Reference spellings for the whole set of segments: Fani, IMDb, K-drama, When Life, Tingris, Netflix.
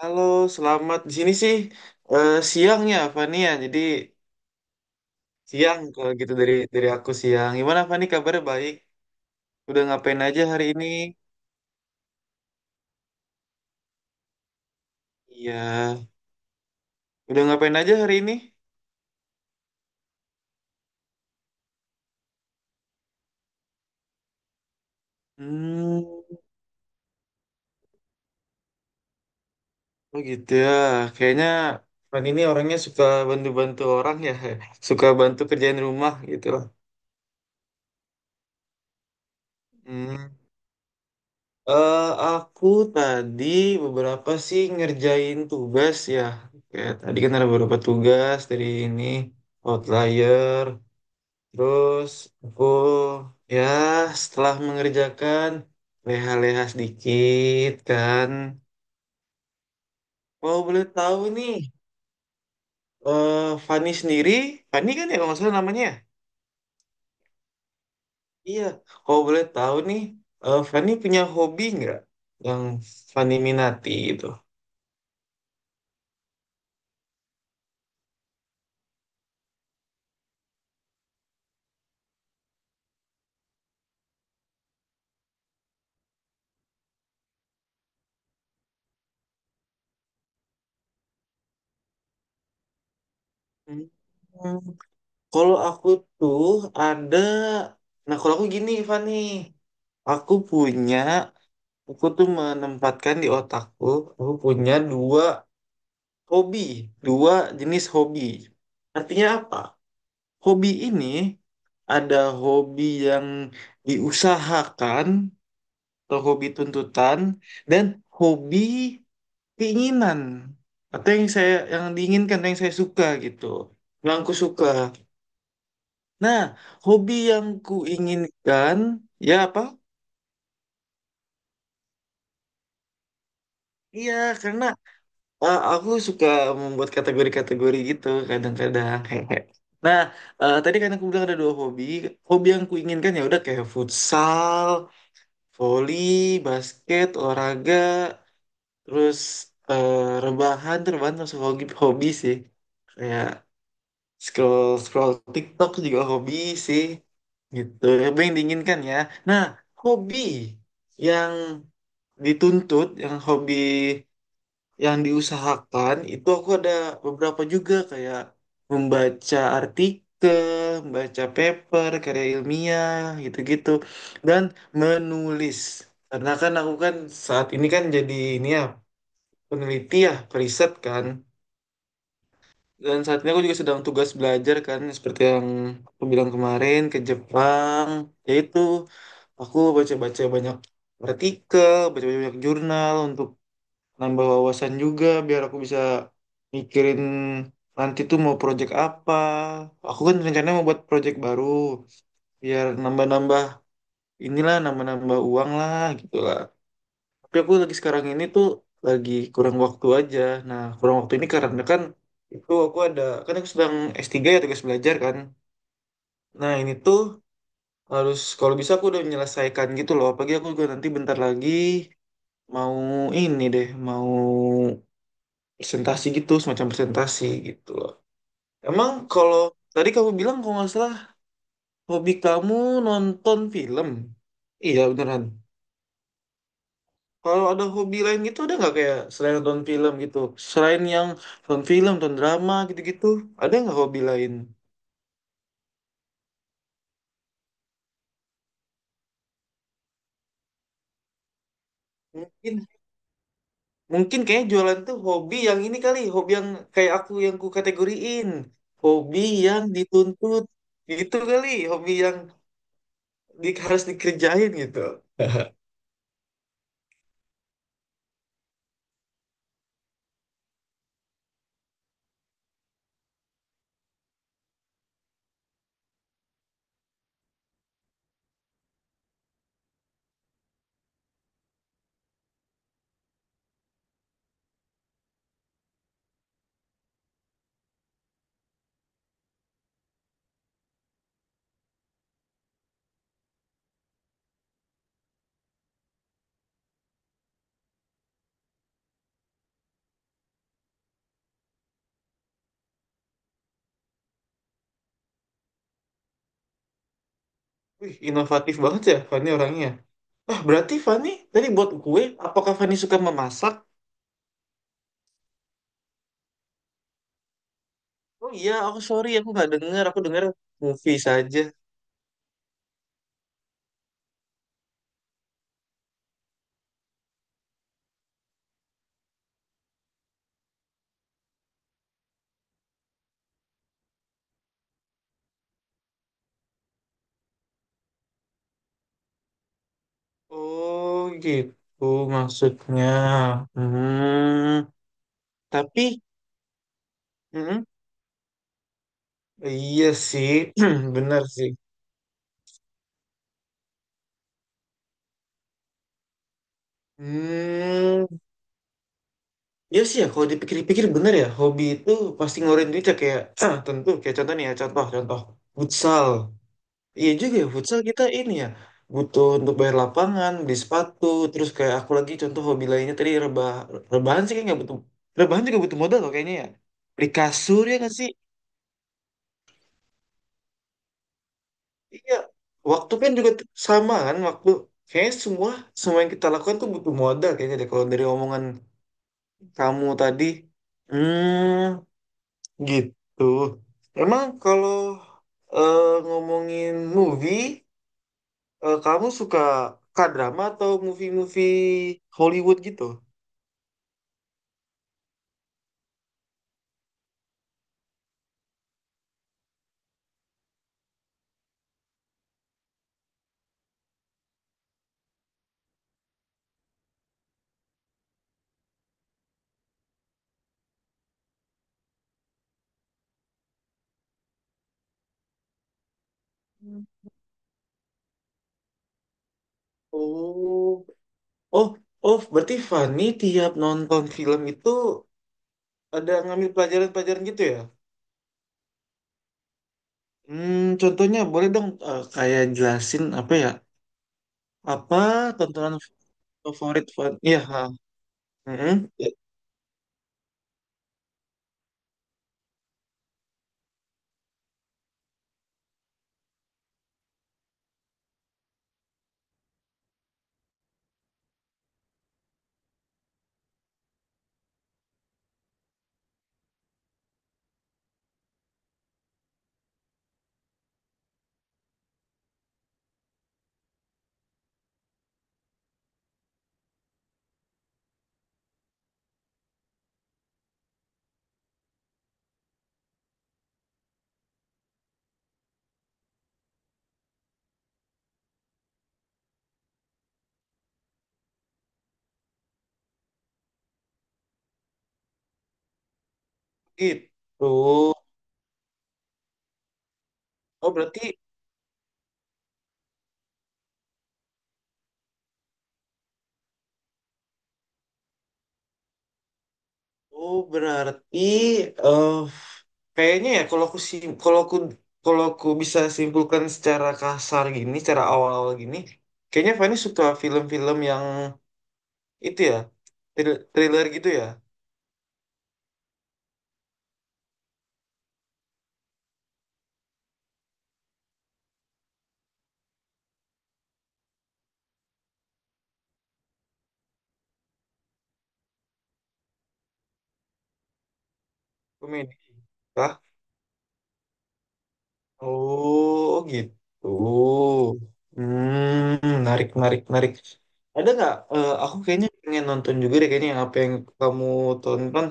Halo, selamat di sini sih siang ya Fani ya. Jadi siang kalau gitu dari aku siang. Gimana Fani, kabarnya baik? Udah ngapain aja hari ini? Iya, udah ngapain aja hari ini? Hmm, oh gitu ya. Kayaknya Fani ini orangnya suka bantu-bantu orang ya. Suka bantu kerjain rumah gitu. Hmm. Eh, aku tadi beberapa sih ngerjain tugas ya. Kayak tadi kan ada beberapa tugas dari ini outlier. Terus aku ya setelah mengerjakan, leha-leha sedikit kan. Mau boleh tahu nih, eh Fani sendiri, Fani kan ya kalau nggak salah namanya, ya? Iya, kalau boleh tahu nih, Fani punya hobi nggak yang Fani minati gitu? Hmm, Kalau aku tuh ada. Nah, kalau aku gini, Fani, aku punya, aku tuh menempatkan di otakku, aku punya dua hobi, dua jenis hobi. Artinya apa? Hobi ini ada hobi yang diusahakan atau hobi tuntutan, dan hobi keinginan atau yang saya yang diinginkan yang saya suka gitu, yang aku suka. Nah, hobi yang ku inginkan ya apa? Iya karena aku suka membuat kategori-kategori gitu kadang-kadang. Hehe. Nah, tadi kan aku bilang ada dua hobi. Hobi yang kuinginkan ya udah kayak futsal, voli, basket, olahraga, terus eh, rebahan. Tuh rebahan termasuk hobi, hobi sih. Kayak scroll scroll TikTok juga hobi sih. Gitu, hobi yang diinginkan ya. Nah, hobi yang dituntut, yang hobi yang diusahakan itu aku ada beberapa juga kayak membaca artikel, membaca paper, karya ilmiah, gitu-gitu dan menulis. Karena kan aku kan saat ini kan jadi ini ya, peneliti ya, periset kan. Dan saat ini aku juga sedang tugas belajar kan, seperti yang aku bilang kemarin ke Jepang, yaitu aku baca-baca banyak artikel, baca-baca banyak jurnal untuk nambah wawasan juga biar aku bisa mikirin nanti tuh mau project apa. Aku kan rencananya mau buat project baru biar nambah-nambah inilah, nambah-nambah uang lah gitu lah. Tapi aku lagi sekarang ini tuh lagi kurang waktu aja. Nah, kurang waktu ini karena kan itu aku ada, kan aku sedang S3 ya, tugas belajar kan. Nah, ini tuh harus kalau bisa aku udah menyelesaikan gitu loh. Apalagi aku juga nanti bentar lagi mau ini deh, mau presentasi gitu, semacam presentasi gitu loh. Emang kalau tadi kamu bilang kalau nggak salah hobi kamu nonton film, iya beneran? Kalau ada hobi lain gitu, ada nggak, kayak selain nonton film gitu, selain yang nonton film nonton drama gitu-gitu, ada nggak hobi lain? Mungkin mungkin kayak jualan tuh hobi yang ini kali, hobi yang kayak aku yang ku kategoriin hobi yang dituntut gitu kali, hobi yang harus dikerjain gitu. Wih, inovatif banget ya Fanny orangnya. Ah, berarti Fani tadi buat kue, apakah Fani suka memasak? Oh iya, aku sorry, aku nggak dengar. Aku dengar movie saja. Oh gitu maksudnya. Hmm, tapi, hmm, iya sih, benar sih. Hmm, iya sih ya. Kalau dipikir-pikir benar ya, hobi itu pasti ngeluarin duit ya kayak, tentu kayak contoh nih ya, contoh, contoh, futsal. Iya juga ya, futsal kita ini ya, butuh untuk bayar lapangan, beli sepatu, terus kayak aku lagi contoh hobi lainnya tadi rebah, rebahan sih kayak nggak butuh, rebahan juga butuh modal loh kayaknya ya. Beli kasur ya nggak sih? Iya, waktu kan juga sama kan, waktu kayaknya semua semua yang kita lakukan tuh butuh modal kayaknya deh. Kalau dari omongan kamu tadi, hmm, gitu. Emang kalau ngomongin movie. Kamu suka K-drama atau movie-movie Hollywood gitu? Oh, oh, oh, berarti Fanny tiap nonton film itu ada ngambil pelajaran-pelajaran gitu ya? Contohnya boleh dong, kayak jelasin apa ya? Apa tontonan favorit Fanny? Iya, ha. Mm-mm. Ya. Gitu. Oh, berarti Oh, berarti eh kayaknya ya kalau aku bisa simpulkan secara kasar gini, secara awal-awal gini, kayaknya Fani suka film-film yang itu ya, thriller gitu ya, komedi kah? Oh, oh gitu. Hmm, menarik, menarik, menarik. Ada nggak? Aku kayaknya pengen nonton juga deh kayaknya yang apa yang kamu tonton.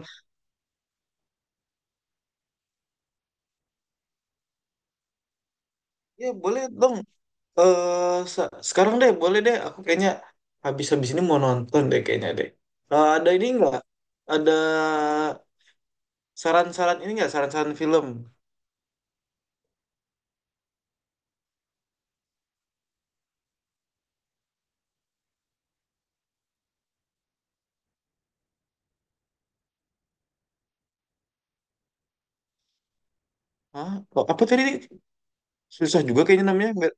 Ya boleh dong, eh se- sekarang deh, boleh deh. Aku kayaknya habis-habis ini mau nonton deh kayaknya deh. Eh, ada ini nggak? Ada saran-saran ini nggak? Saran-saran film? Hah? Oh, apa tadi? Susah juga kayaknya namanya. Nggak-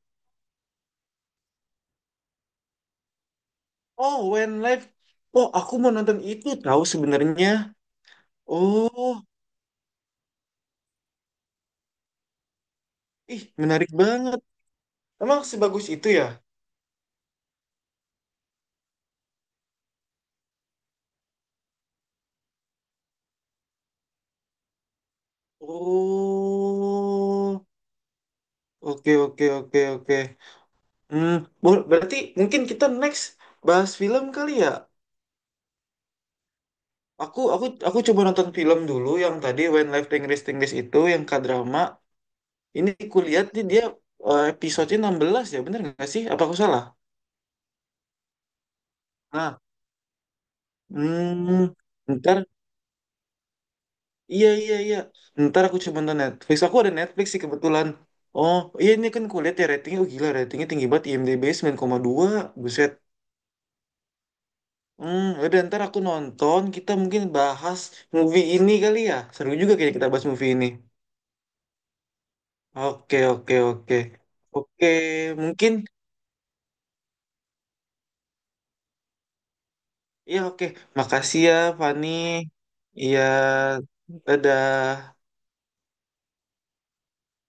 Oh, When Life. Oh, aku mau nonton itu tahu sebenarnya. Oh, ih menarik banget. Emang sebagus itu ya? Oh, oke oke oke oke. Hmm, berarti mungkin kita next bahas film kali ya? Aku coba nonton film dulu yang tadi When Life Tingris Tingris itu yang K-drama. Ini kulihat nih dia episode-nya 16 ya, bener nggak sih? Apa aku salah? Nah, hmm, ntar, iya iya iya. Ntar aku coba nonton Netflix. Aku ada Netflix sih kebetulan. Oh, iya ini kan kulihat ya ratingnya, oh, gila, ratingnya tinggi banget, IMDb 9,2. Buset. Hmm, udah ntar aku nonton, kita mungkin bahas movie ini kali ya. Seru juga kayaknya kita bahas movie ini. Oke, oke, oke. Oke, mungkin iya, oke. Makasih ya, Fani. Iya, dadah.